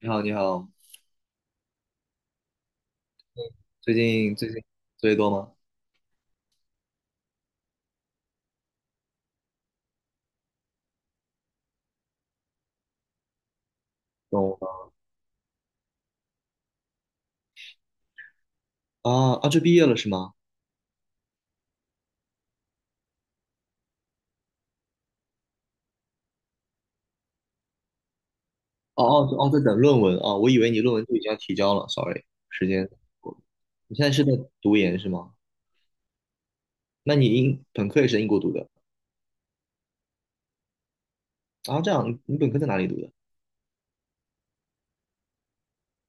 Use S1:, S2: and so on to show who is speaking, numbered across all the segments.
S1: 你好，你好，最近作业多吗？懂了啊啊，这毕业了是吗？哦哦哦，在等论文啊，我以为你论文就已经要提交了，sorry，时间，你现在是在读研是吗？那你英本科也是在英国读的啊？这样，你本科在哪里读的？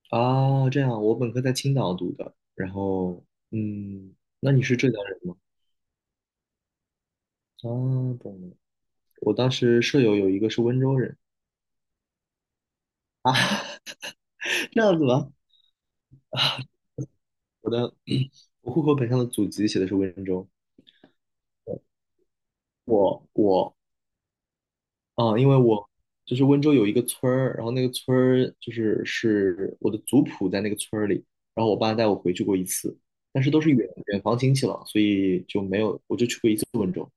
S1: 啊，这样，我本科在青岛读的，然后嗯，那你是浙江人吗？啊，懂了，我当时舍友有一个是温州人，这样子吗？我的我户口本上的祖籍写的是温州。我啊，因为我就是温州有一个村儿，然后那个村儿就是我的族谱在那个村儿里，然后我爸带我回去过一次，但是都是远远房亲戚了，所以就没有，我就去过一次温州，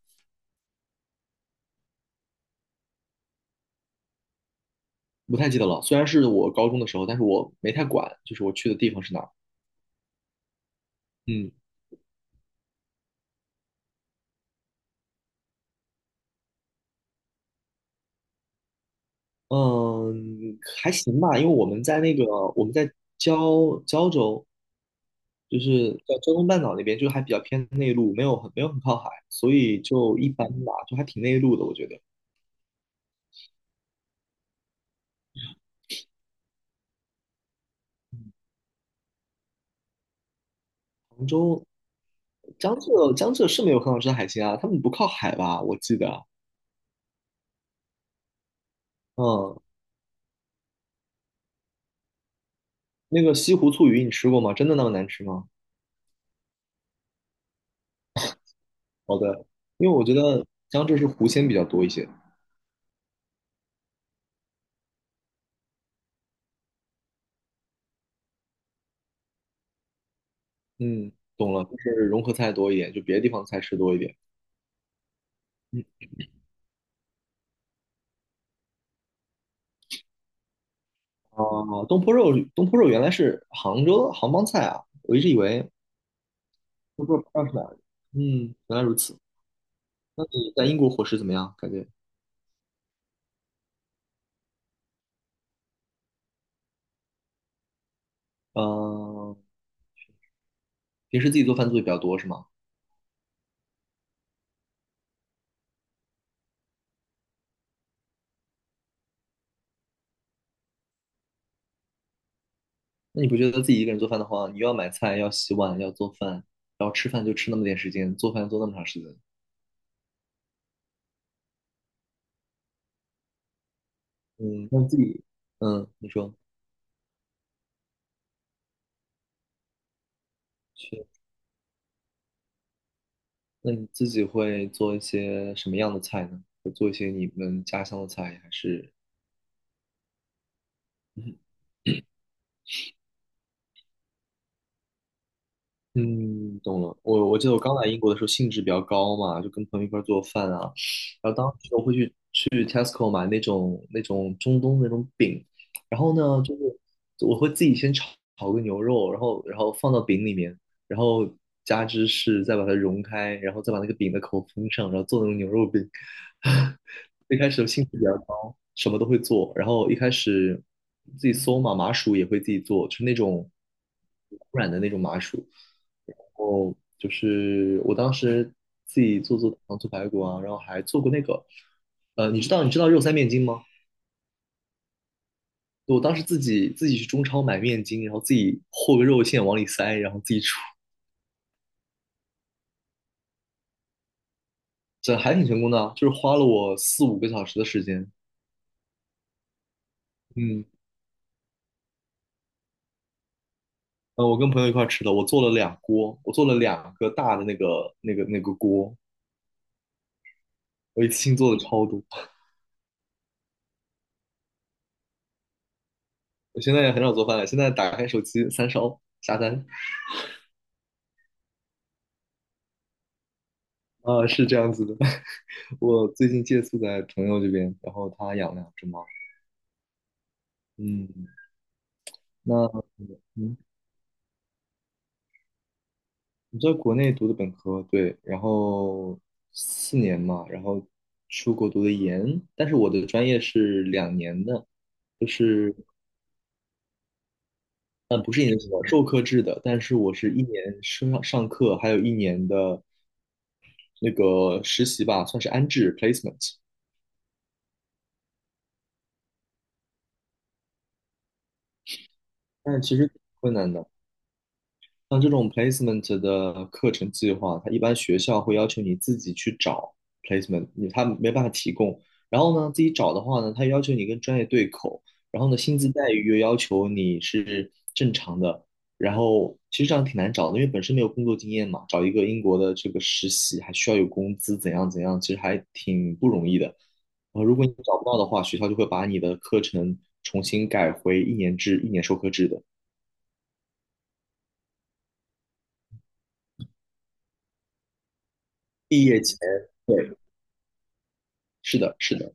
S1: 不太记得了。虽然是我高中的时候，但是我没太管，就是我去的地方是哪儿。嗯嗯，还行吧，因为我们在那个我们在胶州，就是在胶东半岛那边，就还比较偏内陆，没有很靠海，所以就一般吧，就还挺内陆的，我觉得。嗯江浙是没有很好吃的海鲜啊，他们不靠海吧？我记得，嗯，那个西湖醋鱼你吃过吗？真的那么难吃吗？好的，因为我觉得江浙是湖鲜比较多一些。嗯，懂了，就是融合菜多一点，就别的地方菜吃多一点。啊，东坡肉，东坡肉原来是杭州杭帮菜啊，我一直以为东坡肉不知道是哪儿的嗯，原来如此。那你在英国伙食怎么样？感觉，嗯、平时自己做饭做的比较多是吗？那你不觉得自己一个人做饭的话，你又要买菜，要洗碗，要做饭，然后吃饭就吃那么点时间，做饭做那么长时间，嗯，那自己，嗯，你说，是，那你自己会做一些什么样的菜呢？会做一些你们家乡的菜，还是？嗯，懂了。我记得我刚来英国的时候兴致比较高嘛，就跟朋友一块儿做饭啊，然后当时我会去 Tesco 买那种中东那种饼，然后呢，就是我会自己先炒炒个牛肉，然后放到饼里面，然后加芝士，再把它融开，然后再把那个饼的口封上，然后做那种牛肉饼。一开始兴致比较高，什么都会做，然后一开始自己搜嘛，麻薯也会自己做，就是那种软的那种麻薯。后就是我当时自己做做糖醋排骨啊，然后还做过那个，你知道肉塞面筋吗？我当时自己去中超买面筋，然后自己和个肉馅往里塞，然后自己煮，这还挺成功的啊，就是花了我4、5个小时的时间。嗯，我跟朋友一块儿吃的，我做了两锅，我做了两个大的那个锅，我一次性做了超多。我现在也很少做饭了，现在打开手机三烧下单，啊、是这样子的。我最近借宿在朋友这边，然后他养了两只猫。嗯，那嗯，你在国内读的本科，对，然后四年嘛，然后出国读的研，但是我的专业是两年的，就是嗯，不是研究生，授课制的，但是我是一年上课，还有一年的那个实习吧，算是安置 placement，但是其实挺困难的。像这种 placement 的课程计划，它一般学校会要求你自己去找 placement，你他没办法提供。然后呢，自己找的话呢，他要求你跟专业对口，然后呢，薪资待遇又要求你是正常的。然后其实这样挺难找的，因为本身没有工作经验嘛，找一个英国的这个实习还需要有工资，怎样怎样，其实还挺不容易的。然后如果你找不到的话，学校就会把你的课程重新改回一年制、一年授课制的。毕业前，对，是的，是的。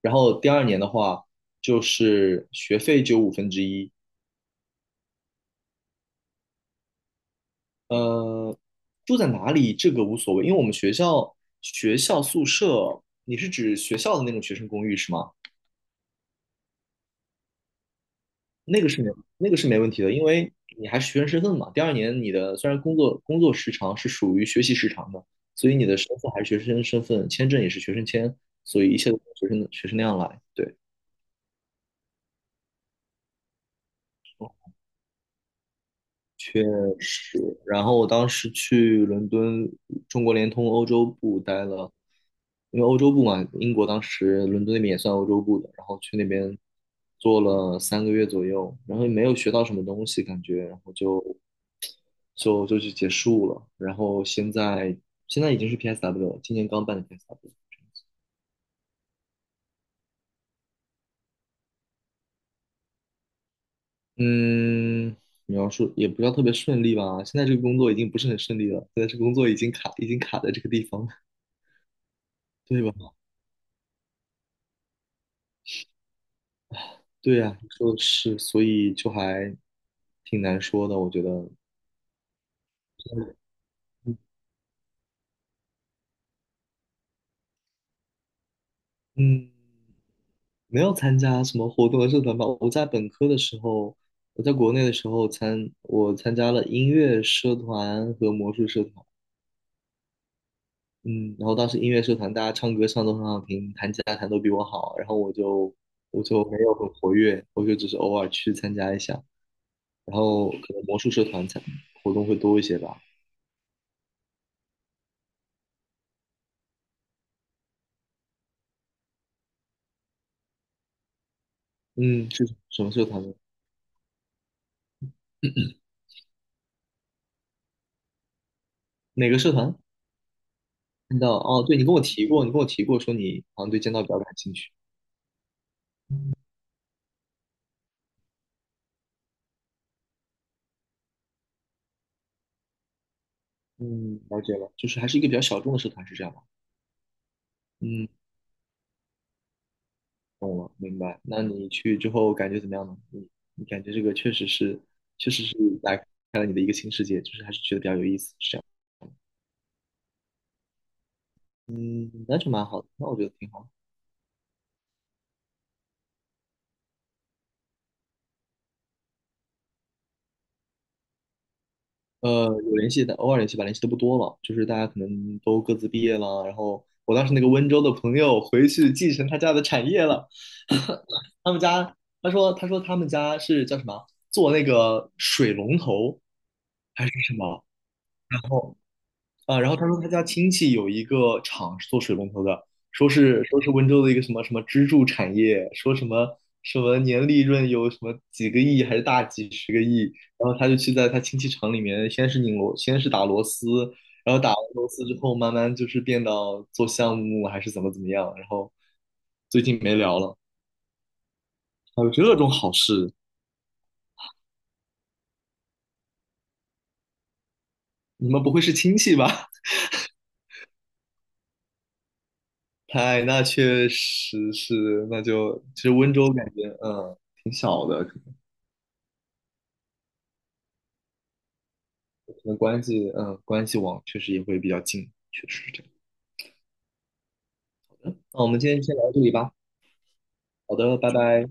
S1: 然后第二年的话，就是学费只有1/5。呃，住在哪里这个无所谓，因为我们学校学校宿舍，你是指学校的那种学生公寓是吗？那个是没那个是没问题的，因为你还是学生身份嘛。第二年你的虽然工作时长是属于学习时长的，所以你的身份还是学生身份，签证也是学生签，所以一切都是学生那样来。对，是，然后我当时去伦敦中国联通欧洲部待了，因为欧洲部嘛，英国当时伦敦那边也算欧洲部的，然后去那边做了3个月左右，然后也没有学到什么东西感觉，然后就就去结束了，然后现在已经是 PSW 了，今年刚办的 PSW。嗯，你要说也不要特别顺利吧，现在这个工作已经不是很顺利了，现在这个工作已经卡在这个地方了，对吧？对呀，你说的是，所以就还挺难说的，我觉得，嗯，嗯没有参加什么活动和社团吧。我在本科的时候，我在国内的时候参，我参加了音乐社团和魔术社团，嗯，然后当时音乐社团大家唱歌唱都很好听，弹吉他弹都比我好，然后我就没有很活跃，我就只是偶尔去参加一下，然后可能魔术社团参活动会多一些吧。嗯，是什么社团呢？哪个社团？看到哦，对，你跟我提过说你好像对剑道比较感兴趣。嗯，了解了，就是还是一个比较小众的社团，是这样吗？嗯，懂了，明白。那你去之后感觉怎么样呢？你感觉这个确实是打开了你的一个新世界，就是还是觉得比较有意思，是这样。嗯，那就蛮好的，那我觉得挺好。呃，有联系的，偶尔联系吧，联系的不多了。就是大家可能都各自毕业了，然后我当时那个温州的朋友回去继承他家的产业了，他们家，他说，他说他们家是叫什么，做那个水龙头还是什么？然后。啊，然后他说他家亲戚有一个厂是做水龙头的，说是温州的一个什么什么支柱产业，说什么什么年利润有什么几个亿还是大几十个亿，然后他就去在他亲戚厂里面，先是拧螺，先是打螺丝，然后打完螺丝之后，慢慢就是变到做项目还是怎么怎么样，然后最近没聊了，还有这种好事，你们不会是亲戚吧？嗨，哎那确实是，那就其实温州感觉，嗯。可能关系，嗯，关系网确实也会比较近，确实是这样。那我们今天就先聊到这里吧。好的，拜拜。